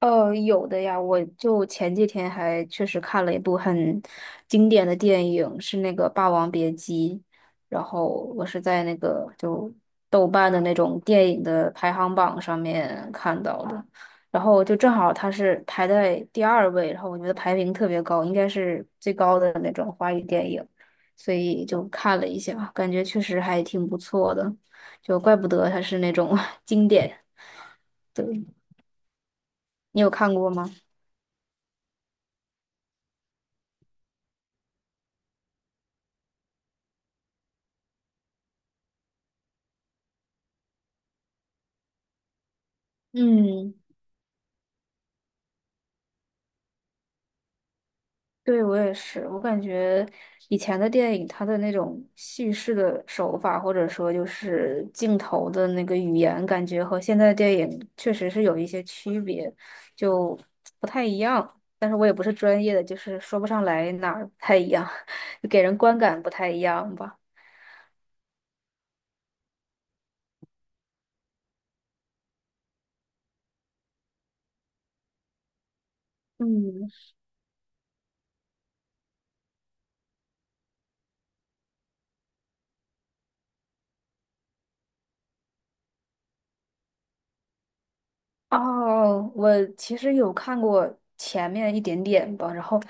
有的呀。我就前几天还确实看了一部很经典的电影，是那个《霸王别姬》。然后我是在那个就豆瓣的那种电影的排行榜上面看到的，然后就正好它是排在第二位。然后我觉得排名特别高，应该是最高的那种华语电影，所以就看了一下，感觉确实还挺不错的，就怪不得它是那种 经典。对，你有看过吗？嗯。对，我也是，我感觉以前的电影，它的那种叙事的手法，或者说就是镜头的那个语言，感觉和现在的电影确实是有一些区别，就不太一样。但是我也不是专业的，就是说不上来哪儿不太一样，就给人观感不太一样吧。嗯，哦，我其实有看过前面一点点吧。然后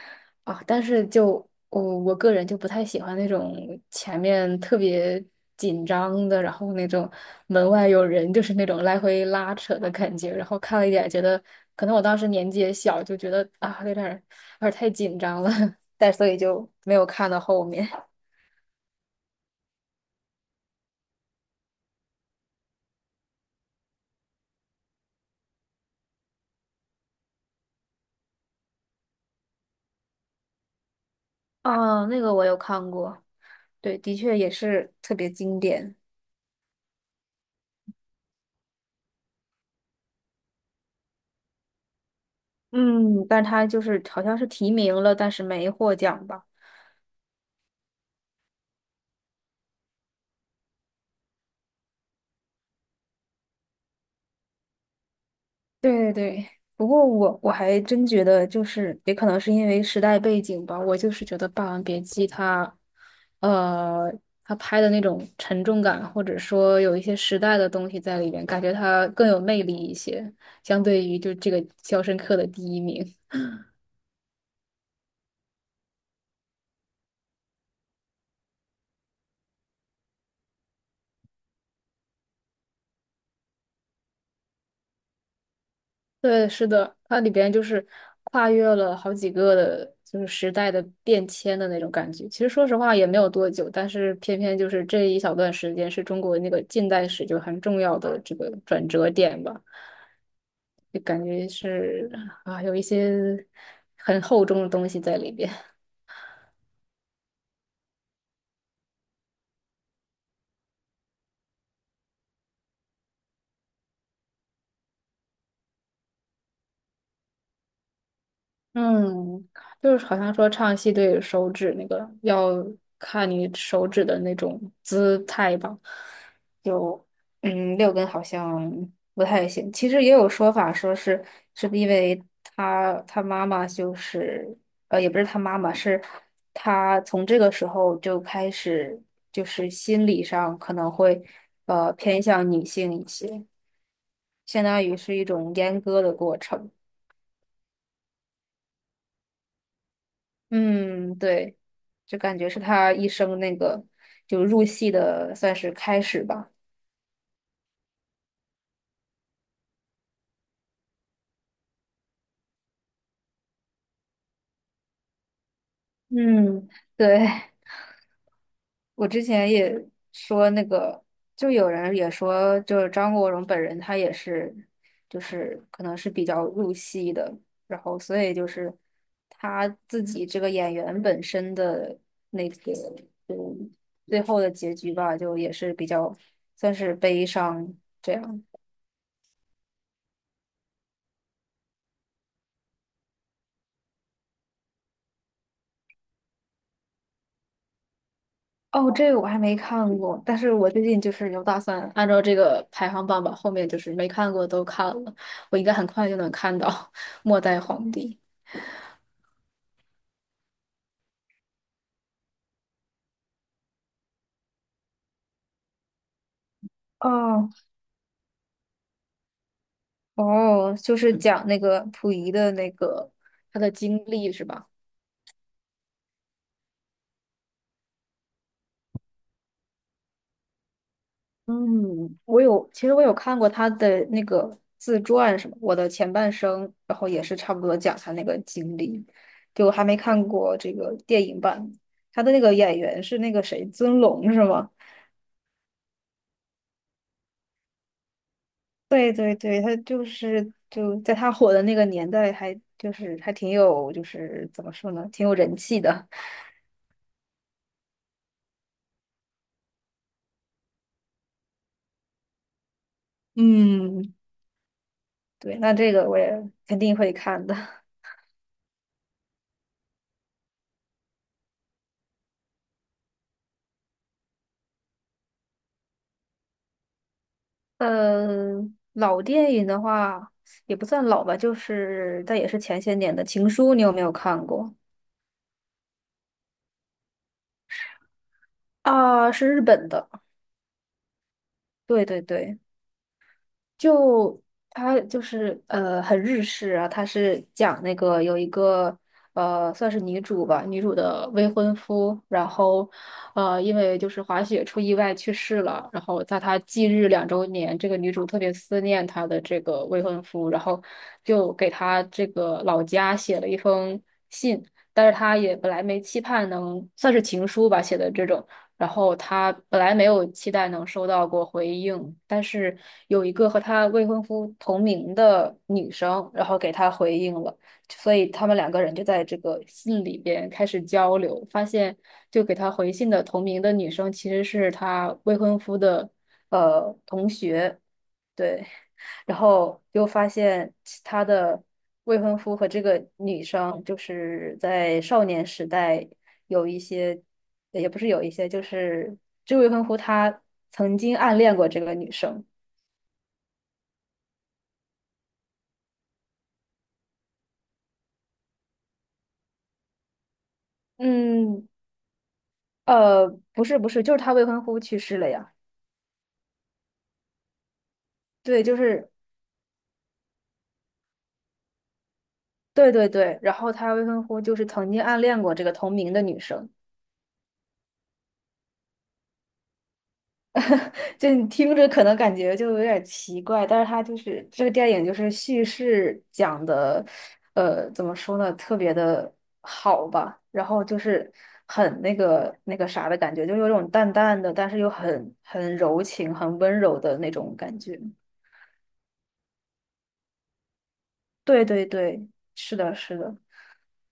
啊，但是就我个人就不太喜欢那种前面特别紧张的，然后那种门外有人，就是那种来回拉扯的感觉。然后看了一点，觉得可能我当时年纪也小，就觉得啊，有点儿太紧张了，但所以就没有看到后面。啊，那个我有看过。对，的确也是特别经典。嗯，但他就是好像是提名了，但是没获奖吧？对对对，不过我还真觉得，就是也可能是因为时代背景吧，我就是觉得《霸王别姬》它，呃，它拍的那种沉重感，或者说有一些时代的东西在里面，感觉它更有魅力一些，相对于就这个《肖申克的第一名》。对，是的，它里边就是跨越了好几个的，就是时代的变迁的那种感觉。其实说实话也没有多久，但是偏偏就是这一小段时间是中国那个近代史就很重要的这个转折点吧，就感觉是啊，有一些很厚重的东西在里边。嗯，就是好像说唱戏对手指那个要看你手指的那种姿态吧，就6根好像不太行。其实也有说法说是是因为他妈妈就是也不是他妈妈是他从这个时候就开始就是心理上可能会偏向女性一些，相当于是一种阉割的过程。嗯，对。就感觉是他一生那个就入戏的算是开始吧。嗯，对，我之前也说那个，就有人也说，就是张国荣本人他也是，就是可能是比较入戏的，然后所以就是他自己这个演员本身的那个，就最后的结局吧，就也是比较算是悲伤这样。哦，这个我还没看过。但是我最近就是有打算按照这个排行榜吧，后面就是没看过都看了，我应该很快就能看到《末代皇帝》。哦，哦，就是讲那个溥仪的那个他的经历是吧？嗯，我有，其实我有看过他的那个自传什么《我的前半生》，然后也是差不多讲他那个经历，就还没看过这个电影版。他的那个演员是那个谁，尊龙是吗？对对对，他就是就在他火的那个年代还就是还挺有就是怎么说呢，挺有人气的。嗯，对，那这个我也肯定会看的。嗯，老电影的话也不算老吧，就是但也是前些年的《情书》，你有没有看过？啊，是日本的。对对对。就它就是很日式啊。它是讲那个有一个算是女主吧，女主的未婚夫，然后因为就是滑雪出意外去世了，然后在她忌日2周年，这个女主特别思念她的这个未婚夫，然后就给她这个老家写了一封信。但是她也本来没期盼能算是情书吧写的这种，然后他本来没有期待能收到过回应，但是有一个和他未婚夫同名的女生，然后给他回应了，所以他们两个人就在这个信里边开始交流，发现就给他回信的同名的女生其实是他未婚夫的同学。对。然后又发现其他的未婚夫和这个女生就是在少年时代有一些，也不是有一些，就是这未婚夫他曾经暗恋过这个女生。嗯，不是不是，就是他未婚夫去世了呀。对，就是对对对，然后他未婚夫就是曾经暗恋过这个同名的女生。就你听着可能感觉就有点奇怪，但是它就是这个电影就是叙事讲的，怎么说呢，特别的好吧。然后就是很那个那个啥的感觉，就有种淡淡的，但是又很柔情、很温柔的那种感觉。对对对，是的，是的。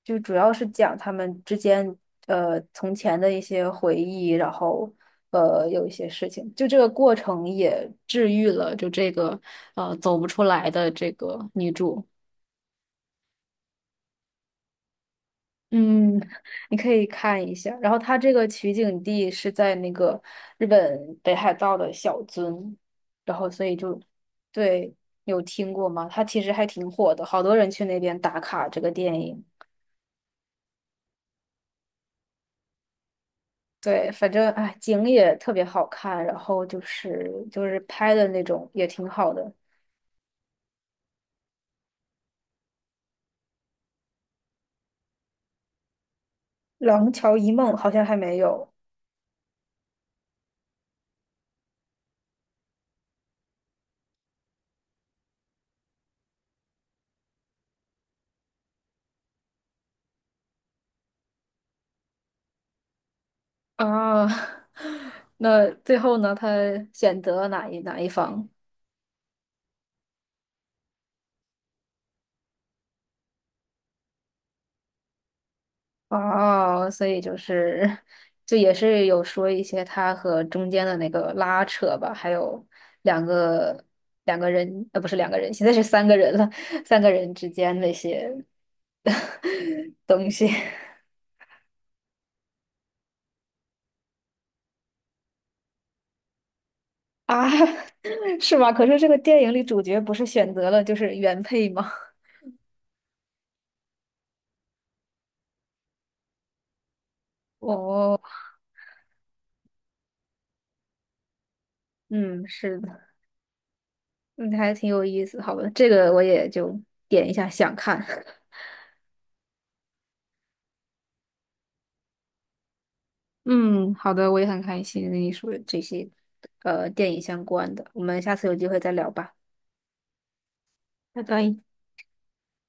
就主要是讲他们之间从前的一些回忆，然后有一些事情，就这个过程也治愈了就这个走不出来的这个女主。嗯，你可以看一下。然后它这个取景地是在那个日本北海道的小樽，然后所以就对，有听过吗？它其实还挺火的，好多人去那边打卡这个电影。对，反正哎，景也特别好看，然后就是拍的那种也挺好的。《廊桥遗梦》好像还没有啊。那最后呢，他选择哪一方？啊？所以就是就也是有说一些他和中间的那个拉扯吧，还有两个两个人，不是两个人，现在是三个人了，三个人之间那些 东西。啊，是吗？可是这个电影里主角不是选择了就是原配吗？哦，嗯，是的，嗯，还挺有意思。好吧，这个我也就点一下想看。嗯，好的，我也很开心跟你说这些电影相关的，我们下次有机会再聊吧。拜拜。